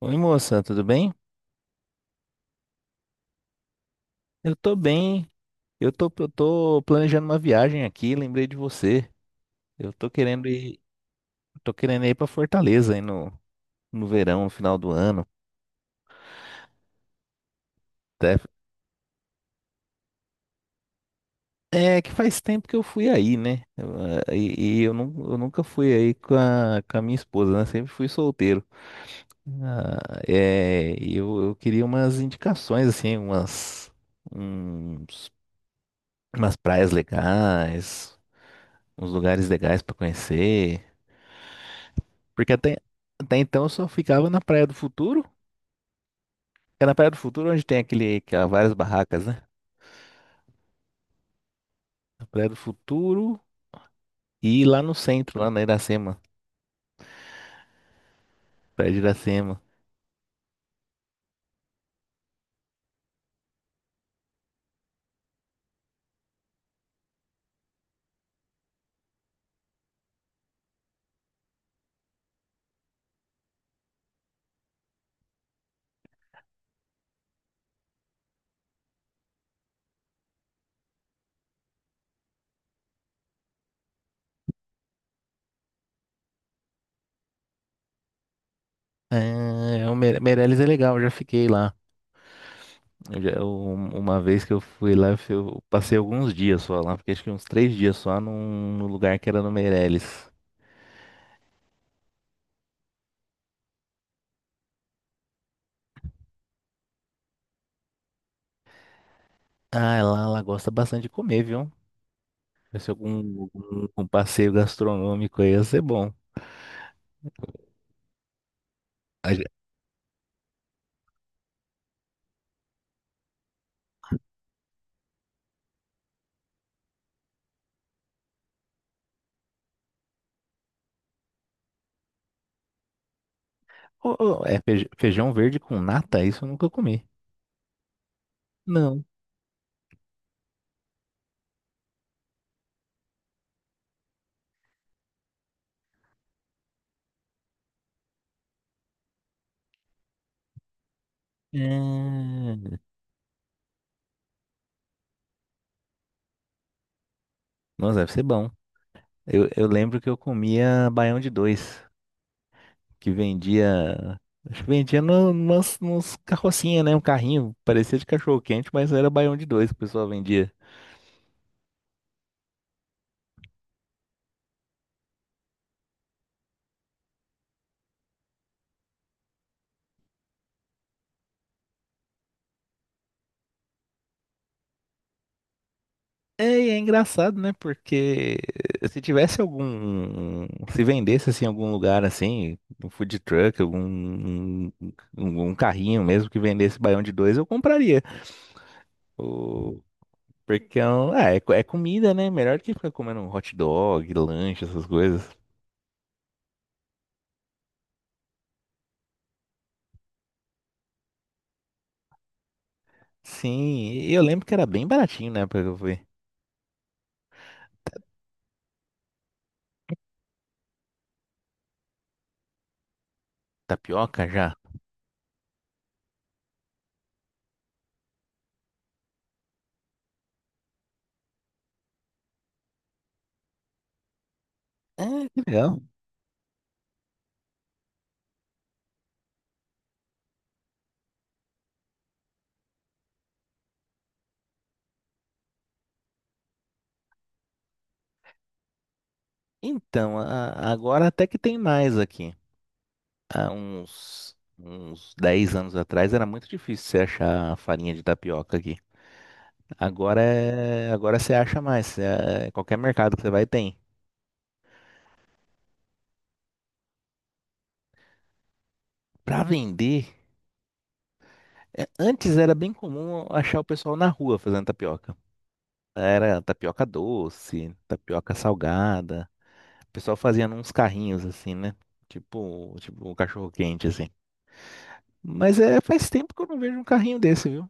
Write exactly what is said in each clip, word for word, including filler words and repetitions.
Oi, moça, tudo bem? Eu tô bem. Eu tô, eu tô planejando uma viagem aqui, lembrei de você. Eu tô querendo ir, tô querendo ir pra Fortaleza aí no, no verão, no final do ano. Até- É que faz tempo que eu fui aí, né? Eu, ah, E, e eu, nu- eu nunca fui aí com a, com a minha esposa, né? Sempre fui solteiro. Ah, é, e eu, eu queria umas indicações, assim, umas, uns, umas praias legais, uns lugares legais pra conhecer. Porque até, até então eu só ficava na Praia do Futuro. É na Praia do Futuro onde tem aquele, aquela- várias barracas, né? Na Praia do Futuro e lá no centro, lá na Iracema. Praia de Iracema. É, é o Mere- Meireles é legal, eu já fiquei lá. Eu já- eu- uma vez que eu fui lá, eu, fui- eu passei alguns dias só lá. Fiquei acho que uns três dias só num, num lugar que era no Meireles. Ah, lá ela gosta bastante de comer, viu? Se algum, algum passeio gastronômico aí ia ser bom. Ô, ô, é fej- feijão verde com nata? Isso eu nunca comi. Não. É... Nossa, deve ser bom. Eu, eu lembro que eu comia baião de dois, que vendia. Acho que vendia no, nos, nos carrocinha, né? Um carrinho, parecia de cachorro-quente, mas era baião de dois que o pessoal vendia. É, e é engraçado, né? Porque se tivesse algum. Se vendesse assim, em algum lugar assim, um food truck, algum um, um um carrinho mesmo que vendesse baião de dois, eu compraria. Porque é, um- ah, é, co- é comida, né? Melhor que ficar comendo um hot dog, lanche, essas coisas. Sim, e eu lembro que era bem baratinho, né? Porque eu fui. Tapioca já? É, que legal. Então, a- agora até que tem mais aqui. Há uns, uns dez anos atrás era muito difícil você achar farinha de tapioca aqui. Agora é, agora você acha mais. É, qualquer mercado que você vai tem. Pra vender, é, antes era bem comum achar o pessoal na rua fazendo tapioca. Era tapioca doce, tapioca salgada. O pessoal fazia uns carrinhos assim, né? Tipo, tipo um cachorro quente assim. Mas é, faz tempo que eu não vejo um carrinho desse, viu?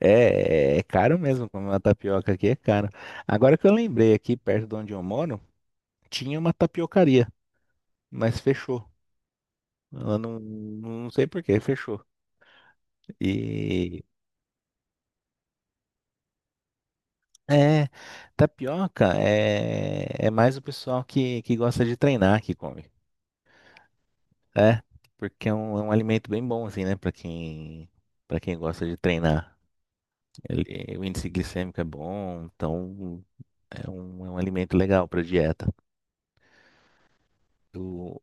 É, é é caro mesmo, comer uma tapioca aqui é caro. Agora que eu lembrei, aqui perto de onde eu moro, tinha uma tapiocaria, mas fechou. Ela não, não sei por que fechou. E é, Tapioca é, é mais o pessoal que, que gosta de treinar que come. É, porque é um, é um alimento bem bom, assim, né? Pra quem, para quem gosta de treinar. Ele- o índice glicêmico é bom, então é um, é um alimento legal pra dieta. O-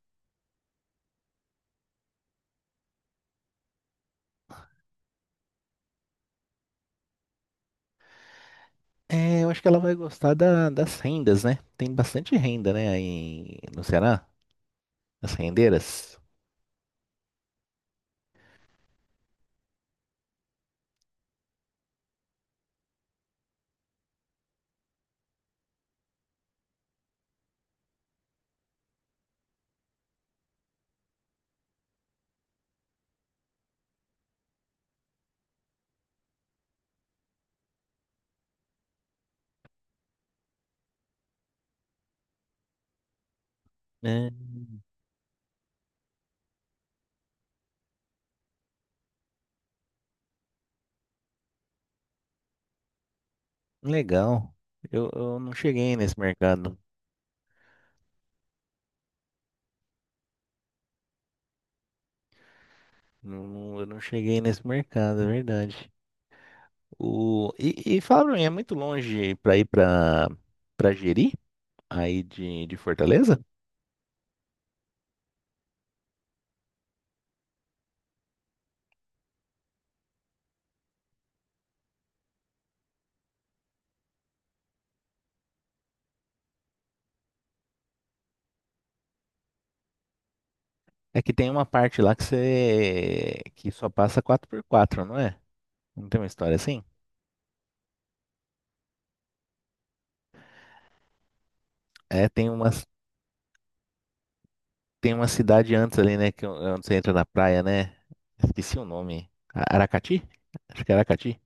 é, eu acho que ela vai gostar da- das rendas, né? Tem bastante renda, né, aí no Ceará? As rendeiras. É, legal. Eu, eu não cheguei nesse mercado. Não, não, eu não cheguei nesse mercado, é verdade. O, e, e fala pra mim, é muito longe pra ir pra, pra Jeri, aí de, de Fortaleza? É que tem uma parte lá que você que só passa quatro por quatro, não é? Não tem uma história assim? É, tem uma, tem uma, cidade antes ali, né? Que, é onde você entra na praia, né? Esqueci o nome. A- Aracati? Acho que é Aracati.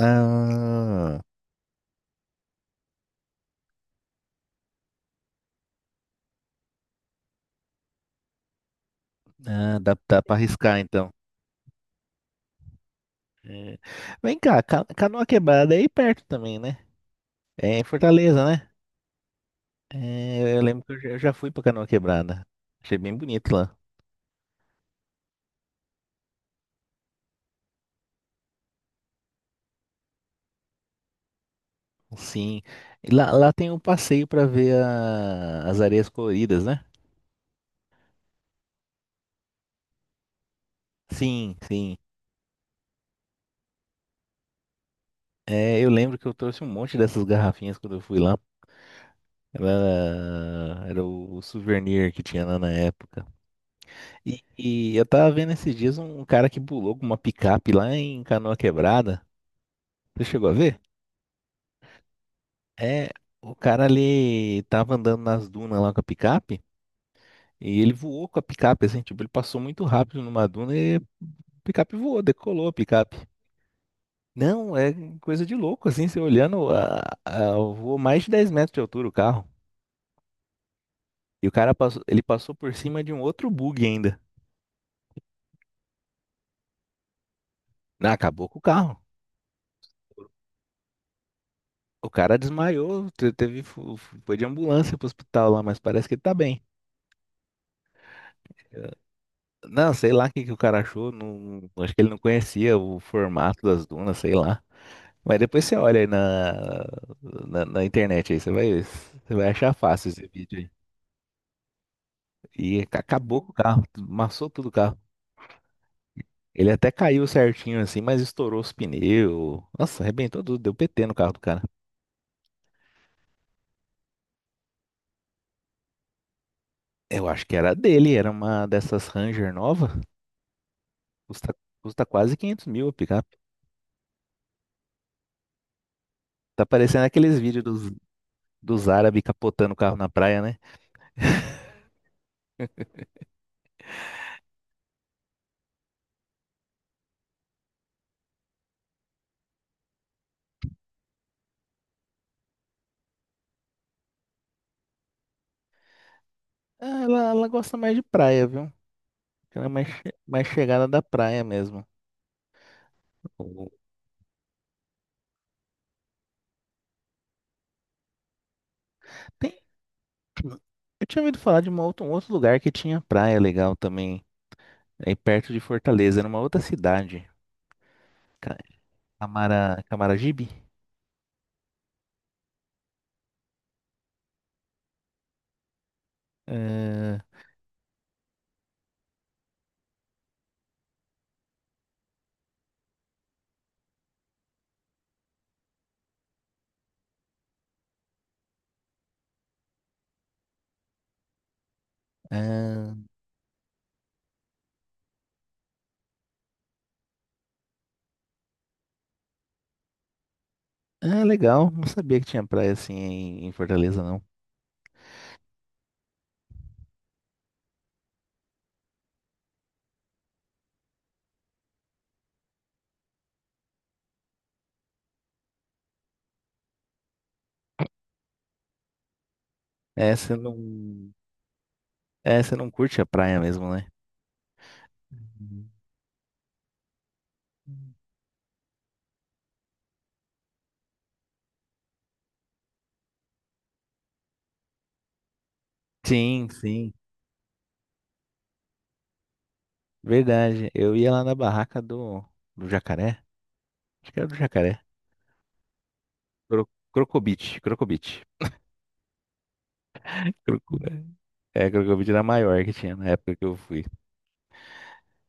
Ah, ah, dá, dá pra arriscar então. É. Vem cá, Ca- Canoa Quebrada é aí perto também, né? É em Fortaleza, né? É, eu lembro que eu já eu já fui pra Canoa Quebrada. Achei bem bonito lá. Sim. E Lá, lá tem um passeio para ver a- as areias coloridas, né? Sim, sim. É, eu lembro que eu trouxe um monte dessas garrafinhas quando eu fui lá. Era, era o o souvenir que tinha lá na época. E, e eu tava vendo esses dias um cara que pulou com uma picape lá em Canoa Quebrada. Você chegou a ver? É, o cara ali tava andando nas dunas lá com a picape e ele voou com a picape, assim, tipo, ele passou muito rápido numa duna e a picape voou, decolou a picape. Não, é coisa de louco, assim, você olhando, a, a, eu vou mais de dez metros de altura o carro. E o cara passou, ele passou por cima de um outro bug ainda. Não, acabou com o carro. O cara desmaiou, te- teve, fu- fu- foi de ambulância pro hospital lá, mas parece que ele tá bem. Eh, Não, sei lá o que que o cara achou, não, acho que ele não conhecia o formato das dunas, sei lá. Mas depois você olha aí na, na, na internet aí, você vai, você vai achar fácil esse vídeo aí. E ac- acabou com o carro, tu- amassou tudo o carro. Ele até caiu certinho assim, mas estourou os pneus. Nossa, arrebentou tudo, deu P T no carro do cara. Eu acho que era dele, era uma dessas Ranger nova. Custa, custa quase quinhentos mil a picape. Tá parecendo aqueles vídeos dos, dos árabes capotando o carro na praia, né? Ah, ela, ela gosta mais de praia, viu? Ela é mais, che- mais chegada da praia mesmo. O- Tem, eu tinha ouvido falar de uma outra- um outro lugar que tinha praia legal também, aí perto de Fortaleza, numa outra cidade. Ca- Camara, Camaragibe? É, Ah, ah, legal. Não sabia que tinha praia assim em em Fortaleza, não. É, você não. É, você não curte a praia mesmo, né? Uhum. Sim, sim. Verdade. Eu ia lá na barraca do, do jacaré. Acho que era do jacaré. Cro- Crocobit, Crocobit. Croco- É, é, Crocobit era a maior que tinha na época que eu fui.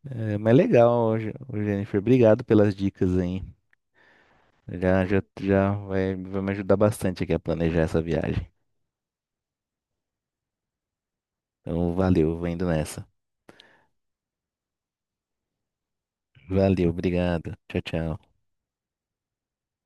É, mas legal, Gen- Jennifer. Obrigado pelas dicas aí. Já, já, já vai, vai me ajudar bastante aqui a planejar essa viagem. Então, valeu, vou indo nessa. Valeu, obrigado. Tchau, tchau.